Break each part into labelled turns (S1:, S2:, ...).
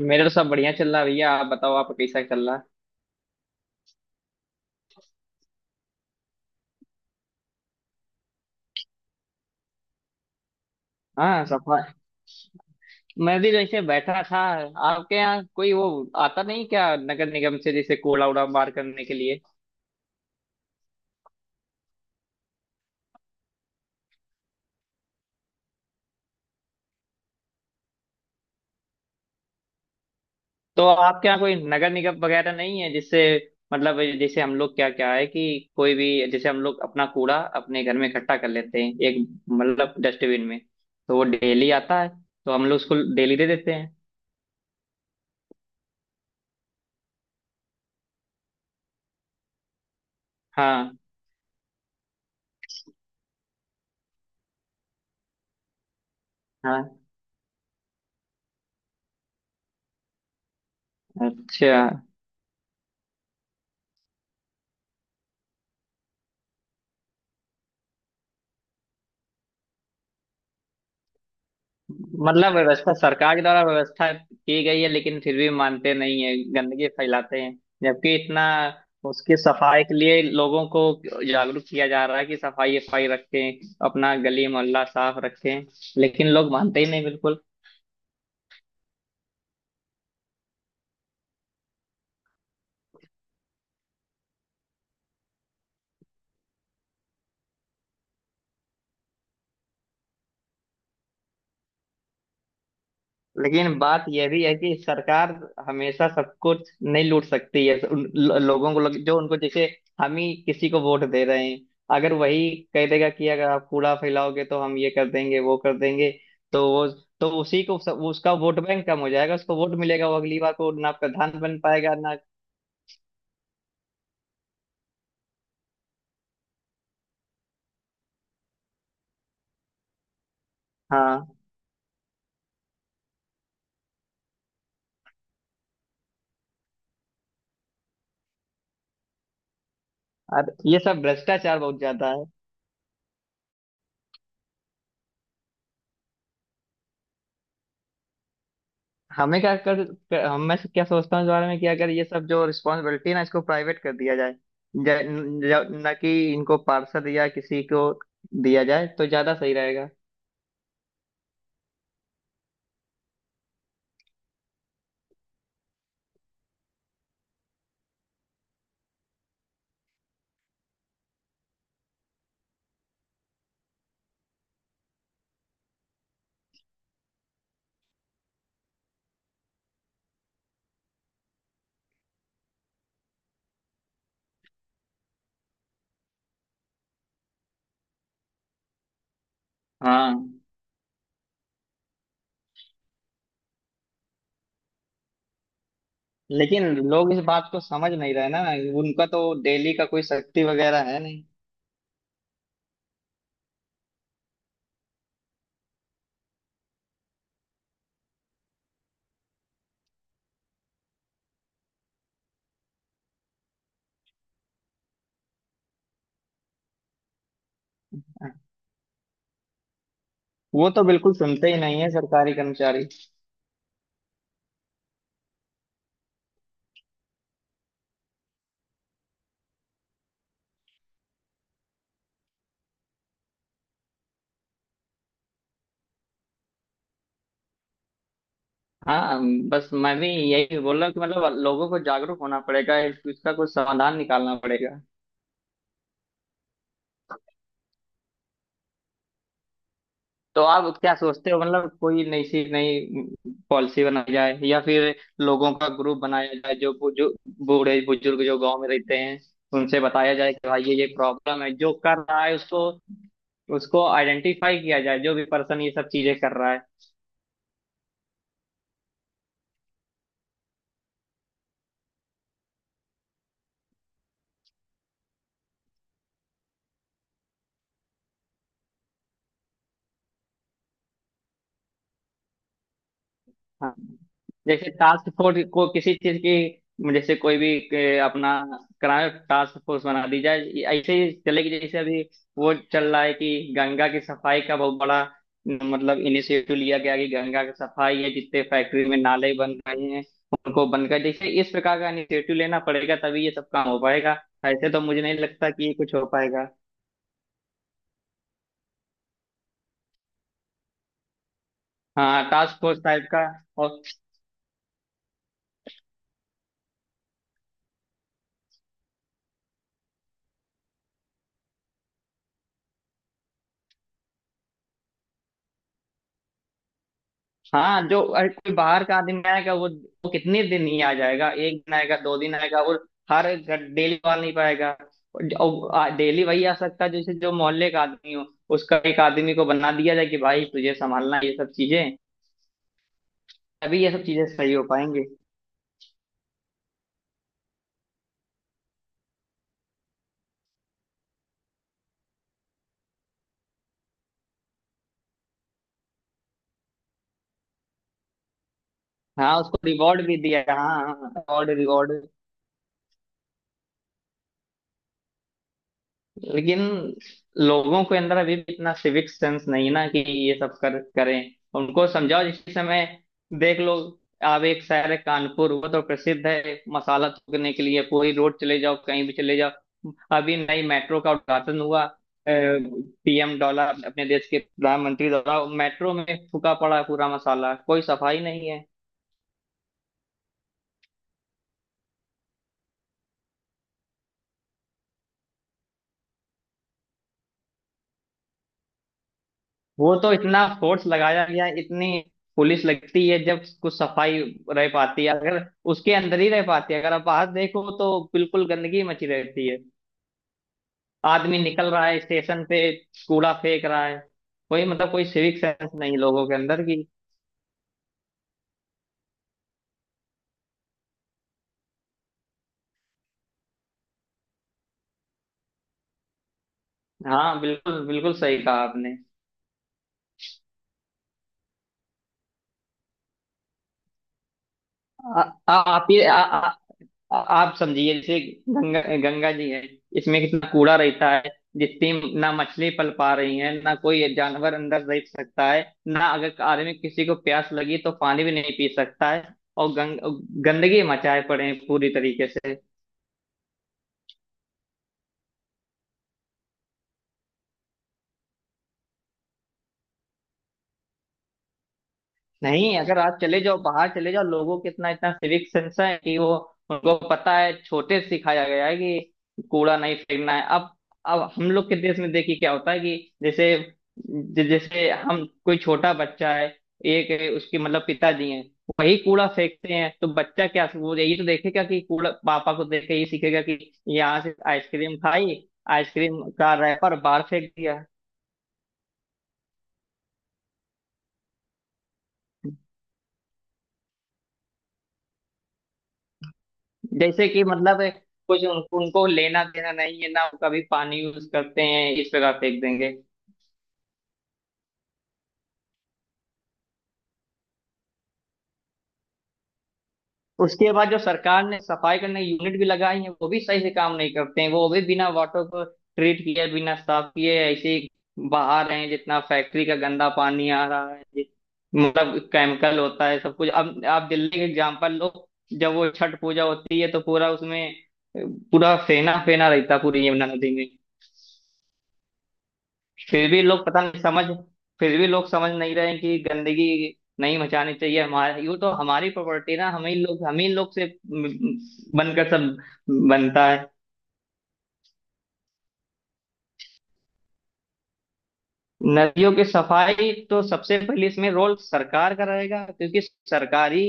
S1: मेरा तो सब बढ़िया चल रहा है, भैया। आप बताओ, आपका कैसा चल रहा है? हाँ सफा मैं भी जैसे बैठा था। आपके यहाँ कोई वो आता नहीं क्या, नगर निगम से, जैसे कूड़ा उड़ा बाहर करने के लिए? तो आपके यहाँ कोई नगर निगम वगैरह नहीं है जिससे। मतलब जैसे हम लोग, क्या क्या है कि कोई भी, जैसे हम लोग अपना कूड़ा अपने घर में इकट्ठा कर लेते हैं, एक मतलब डस्टबिन में। तो वो डेली आता है, तो हम लोग उसको डेली दे देते हैं। हाँ, हाँ। अच्छा। मतलब व्यवस्था, सरकार के द्वारा व्यवस्था की गई है, लेकिन फिर भी मानते नहीं है, गंदगी फैलाते हैं। जबकि इतना उसकी सफाई के लिए लोगों को जागरूक किया जा रहा है कि सफाई सफाई रखें, अपना गली मोहल्ला साफ रखें, लेकिन लोग मानते ही नहीं, बिल्कुल। लेकिन बात यह भी है कि सरकार हमेशा सब कुछ नहीं लूट सकती है, उन लोगों को लग, जो उनको जैसे। हम ही किसी को वोट दे रहे हैं। अगर वही कह देगा कि अगर आप कूड़ा फैलाओगे तो हम ये कर देंगे, वो कर देंगे। तो वो, तो उसी को उसका वोट बैंक कम हो जाएगा, उसको वोट मिलेगा, वो अगली बार को ना प्रधान बन पाएगा ना। हाँ। और ये सब भ्रष्टाचार बहुत ज्यादा है। हमें क्या कर, कर हम मैं क्या सोचता हूँ इस बारे में कि अगर ये सब जो रिस्पॉन्सिबिलिटी है ना, इसको प्राइवेट कर दिया जाए, ज- न कि इनको पार्षद या किसी को दिया जाए तो ज्यादा सही रहेगा। हाँ। लेकिन लोग इस बात को समझ नहीं रहे ना। उनका तो डेली का कोई शक्ति वगैरह है नहीं। वो तो बिल्कुल सुनते ही नहीं है सरकारी कर्मचारी। हाँ, बस मैं भी यही बोल रहा हूँ कि मतलब लोगों को जागरूक होना पड़ेगा, इसका कुछ समाधान निकालना पड़ेगा। तो आप क्या सोचते हो, मतलब कोई नई सी, नई पॉलिसी बनाई जाए, या फिर लोगों का ग्रुप बनाया जाए, जो जो बूढ़े बुजुर्ग जो गांव में रहते हैं, उनसे बताया जाए कि भाई ये प्रॉब्लम है, जो कर रहा है उसको, उसको आइडेंटिफाई किया जाए, जो भी पर्सन ये सब चीजें कर रहा है। हाँ, जैसे टास्क फोर्स को किसी चीज की, जैसे कोई भी के अपना कराए, टास्क फोर्स बना दी जाए, ये ऐसे ही चलेगी, जैसे अभी वो चल रहा है कि गंगा की सफाई का बहुत बड़ा न, मतलब इनिशिएटिव लिया गया कि गंगा की सफाई है, जितने फैक्ट्री में नाले बन रहे हैं उनको बंद कर, जैसे इस प्रकार का इनिशिएटिव लेना पड़ेगा तभी ये सब काम हो पाएगा। ऐसे तो मुझे नहीं लगता कि ये कुछ हो पाएगा। हाँ, टास्क फोर्स टाइप का, और। हाँ, जो अरे, कोई बाहर का आदमी आएगा वो कितने दिन ही आ जाएगा, 1 दिन आएगा, 2 दिन आएगा, और। हर डेली आ नहीं पाएगा। डेली वही आ सकता है, जैसे जो मोहल्ले का आदमी हो, उसका एक आदमी को बना दिया जाए कि भाई तुझे संभालना है ये सब चीजें। तभी ये सब चीजें सही हो पाएंगे। हाँ, उसको रिवॉर्ड भी दिया, हाँ। Reward, reward. लेकिन लोगों के अंदर अभी भी इतना सिविक सेंस नहीं ना कि ये सब कर करें, उनको समझाओ जिस समय। देख लो, आप, एक शहर है कानपुर, वो तो प्रसिद्ध है मसाला थूकने के लिए, पूरी रोड चले जाओ, कहीं भी चले जाओ। अभी नई मेट्रो का उद्घाटन हुआ। पीएम डॉलर, अपने देश के प्रधानमंत्री द्वारा, मेट्रो में थूका पड़ा है पूरा मसाला, कोई सफाई नहीं है। वो तो इतना फोर्स लगाया गया, इतनी पुलिस लगती है, जब कुछ सफाई रह पाती है, अगर उसके अंदर ही रह पाती है, अगर आप बाहर देखो तो बिल्कुल गंदगी मची रहती है। आदमी निकल रहा है स्टेशन पे, कूड़ा फेंक रहा है, कोई मतलब कोई सिविक सेंस नहीं लोगों के अंदर की। हाँ, बिल्कुल बिल्कुल सही कहा आपने। आ, आ, आप ये आ, आ, आ- आप समझिए, जैसे गंगा गंगा जी है, इसमें कितना कूड़ा रहता है, जितनी, ना मछली पल पा रही है, ना कोई जानवर अंदर रह सकता है, ना अगर आदमी, किसी को प्यास लगी तो पानी भी नहीं पी सकता है, और गंग गंदगी मचाए पड़े हैं पूरी तरीके से। नहीं, अगर आप चले जाओ, बाहर चले जाओ, लोगों के इतना इतना सिविक सेंस है कि वो, उनको पता है, छोटे से सिखाया गया है कि कूड़ा नहीं फेंकना है। अब हम लोग के देश में देखिए क्या होता है कि, जैसे जैसे हम, कोई छोटा बच्चा है, एक उसके मतलब पिताजी हैं, वही कूड़ा फेंकते हैं, तो बच्चा क्या, वो यही तो देखेगा कि कूड़ा, पापा को देख के ये सीखेगा कि यहाँ से आइसक्रीम खाई, आइसक्रीम का रैपर बाहर फेंक दिया। जैसे कि मतलब कुछ, उनको लेना देना नहीं है ना, वो कभी पानी यूज करते हैं, इस जगह फेंक देंगे। उसके बाद जो सरकार ने सफाई करने यूनिट भी लगाई है, वो भी सही से काम नहीं करते हैं, वो भी बिना वाटर को ट्रीट किए, बिना साफ किए ऐसे ही बहा रहे हैं, जितना फैक्ट्री का गंदा पानी आ रहा है, मतलब केमिकल होता है सब कुछ। अब आप दिल्ली का एग्जाम्पल लो, जब वो छठ पूजा होती है, तो पूरा उसमें अ, पूरा फेना फेना रहता है, पूरी यमुना नदी में। फिर भी लोग पता नहीं समझ फिर भी लोग समझ नहीं रहे हैं कि गंदगी नहीं मचानी चाहिए, हमारे यूँ तो हमारी प्रॉपर्टी ना, हम ही लोग, हम ही लोग से बनकर सब बनता है। नदियों की सफाई तो सबसे पहले इसमें रोल सरकार का रहेगा, क्योंकि सरकार ही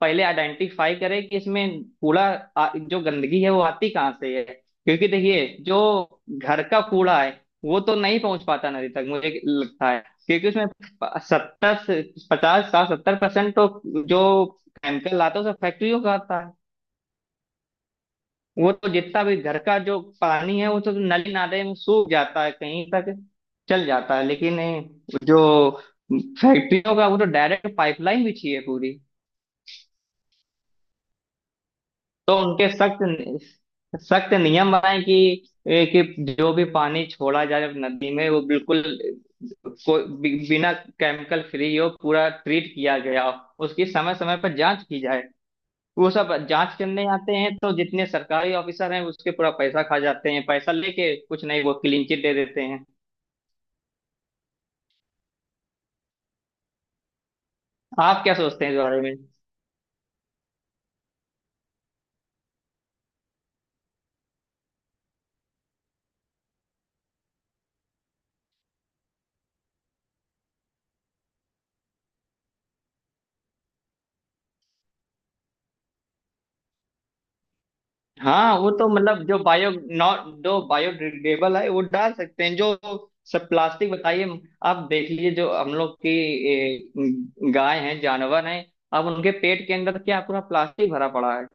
S1: पहले आइडेंटिफाई करे कि इसमें कूड़ा, जो गंदगी है वो आती कहाँ से है, क्योंकि देखिए, जो घर का कूड़ा है वो तो नहीं पहुंच पाता नदी तक मुझे लगता है, क्योंकि उसमें सत्तर 50 60 70% तो जो केमिकल आता है उसे फैक्ट्रियों का आता है। वो तो जितना भी घर का जो पानी है, वो तो नली नाले में सूख जाता है, कहीं तक चल जाता है, लेकिन जो फैक्ट्रियों का, वो तो डायरेक्ट पाइपलाइन बिछी है पूरी। तो उनके सख्त सख्त नियम बनाए कि कि जो भी पानी छोड़ा जाए नदी में, वो बिल्कुल, कोई बिना केमिकल फ्री हो, पूरा ट्रीट किया गया हो, उसकी समय समय पर जांच की जाए। वो सब जांच करने आते हैं, तो जितने सरकारी ऑफिसर हैं उसके पूरा पैसा खा जाते हैं, पैसा लेके कुछ नहीं, वो क्लीन चिट दे देते हैं। आप क्या सोचते हैं इस बारे में? हाँ, वो तो मतलब जो बायो नॉट, जो बायोडिग्रेडेबल है वो डाल सकते हैं, जो सब प्लास्टिक बताइए। आप देख लीजिए, जो हम लोग की गाय हैं, जानवर हैं, अब उनके पेट के अंदर क्या पूरा प्लास्टिक भरा पड़ा है।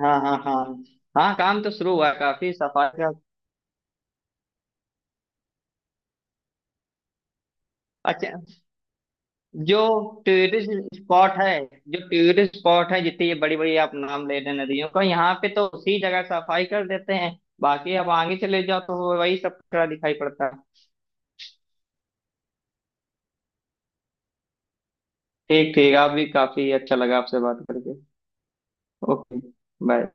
S1: हाँ, हाँ, हाँ। हाँ, काम तो शुरू हुआ है काफी सफाई का। अच्छा, जो टूरिस्ट स्पॉट है जो टूरिस्ट स्पॉट है जितनी ये बड़ी बड़ी आप नाम ले रहे हैं नदियों का, यहाँ पे तो उसी जगह सफाई कर देते हैं, बाकी आप आगे चले जाओ तो वही सब खड़ा दिखाई पड़ता है। ठीक, ठीक। आप भी, काफी अच्छा लगा आपसे बात करके। ओके। बाय।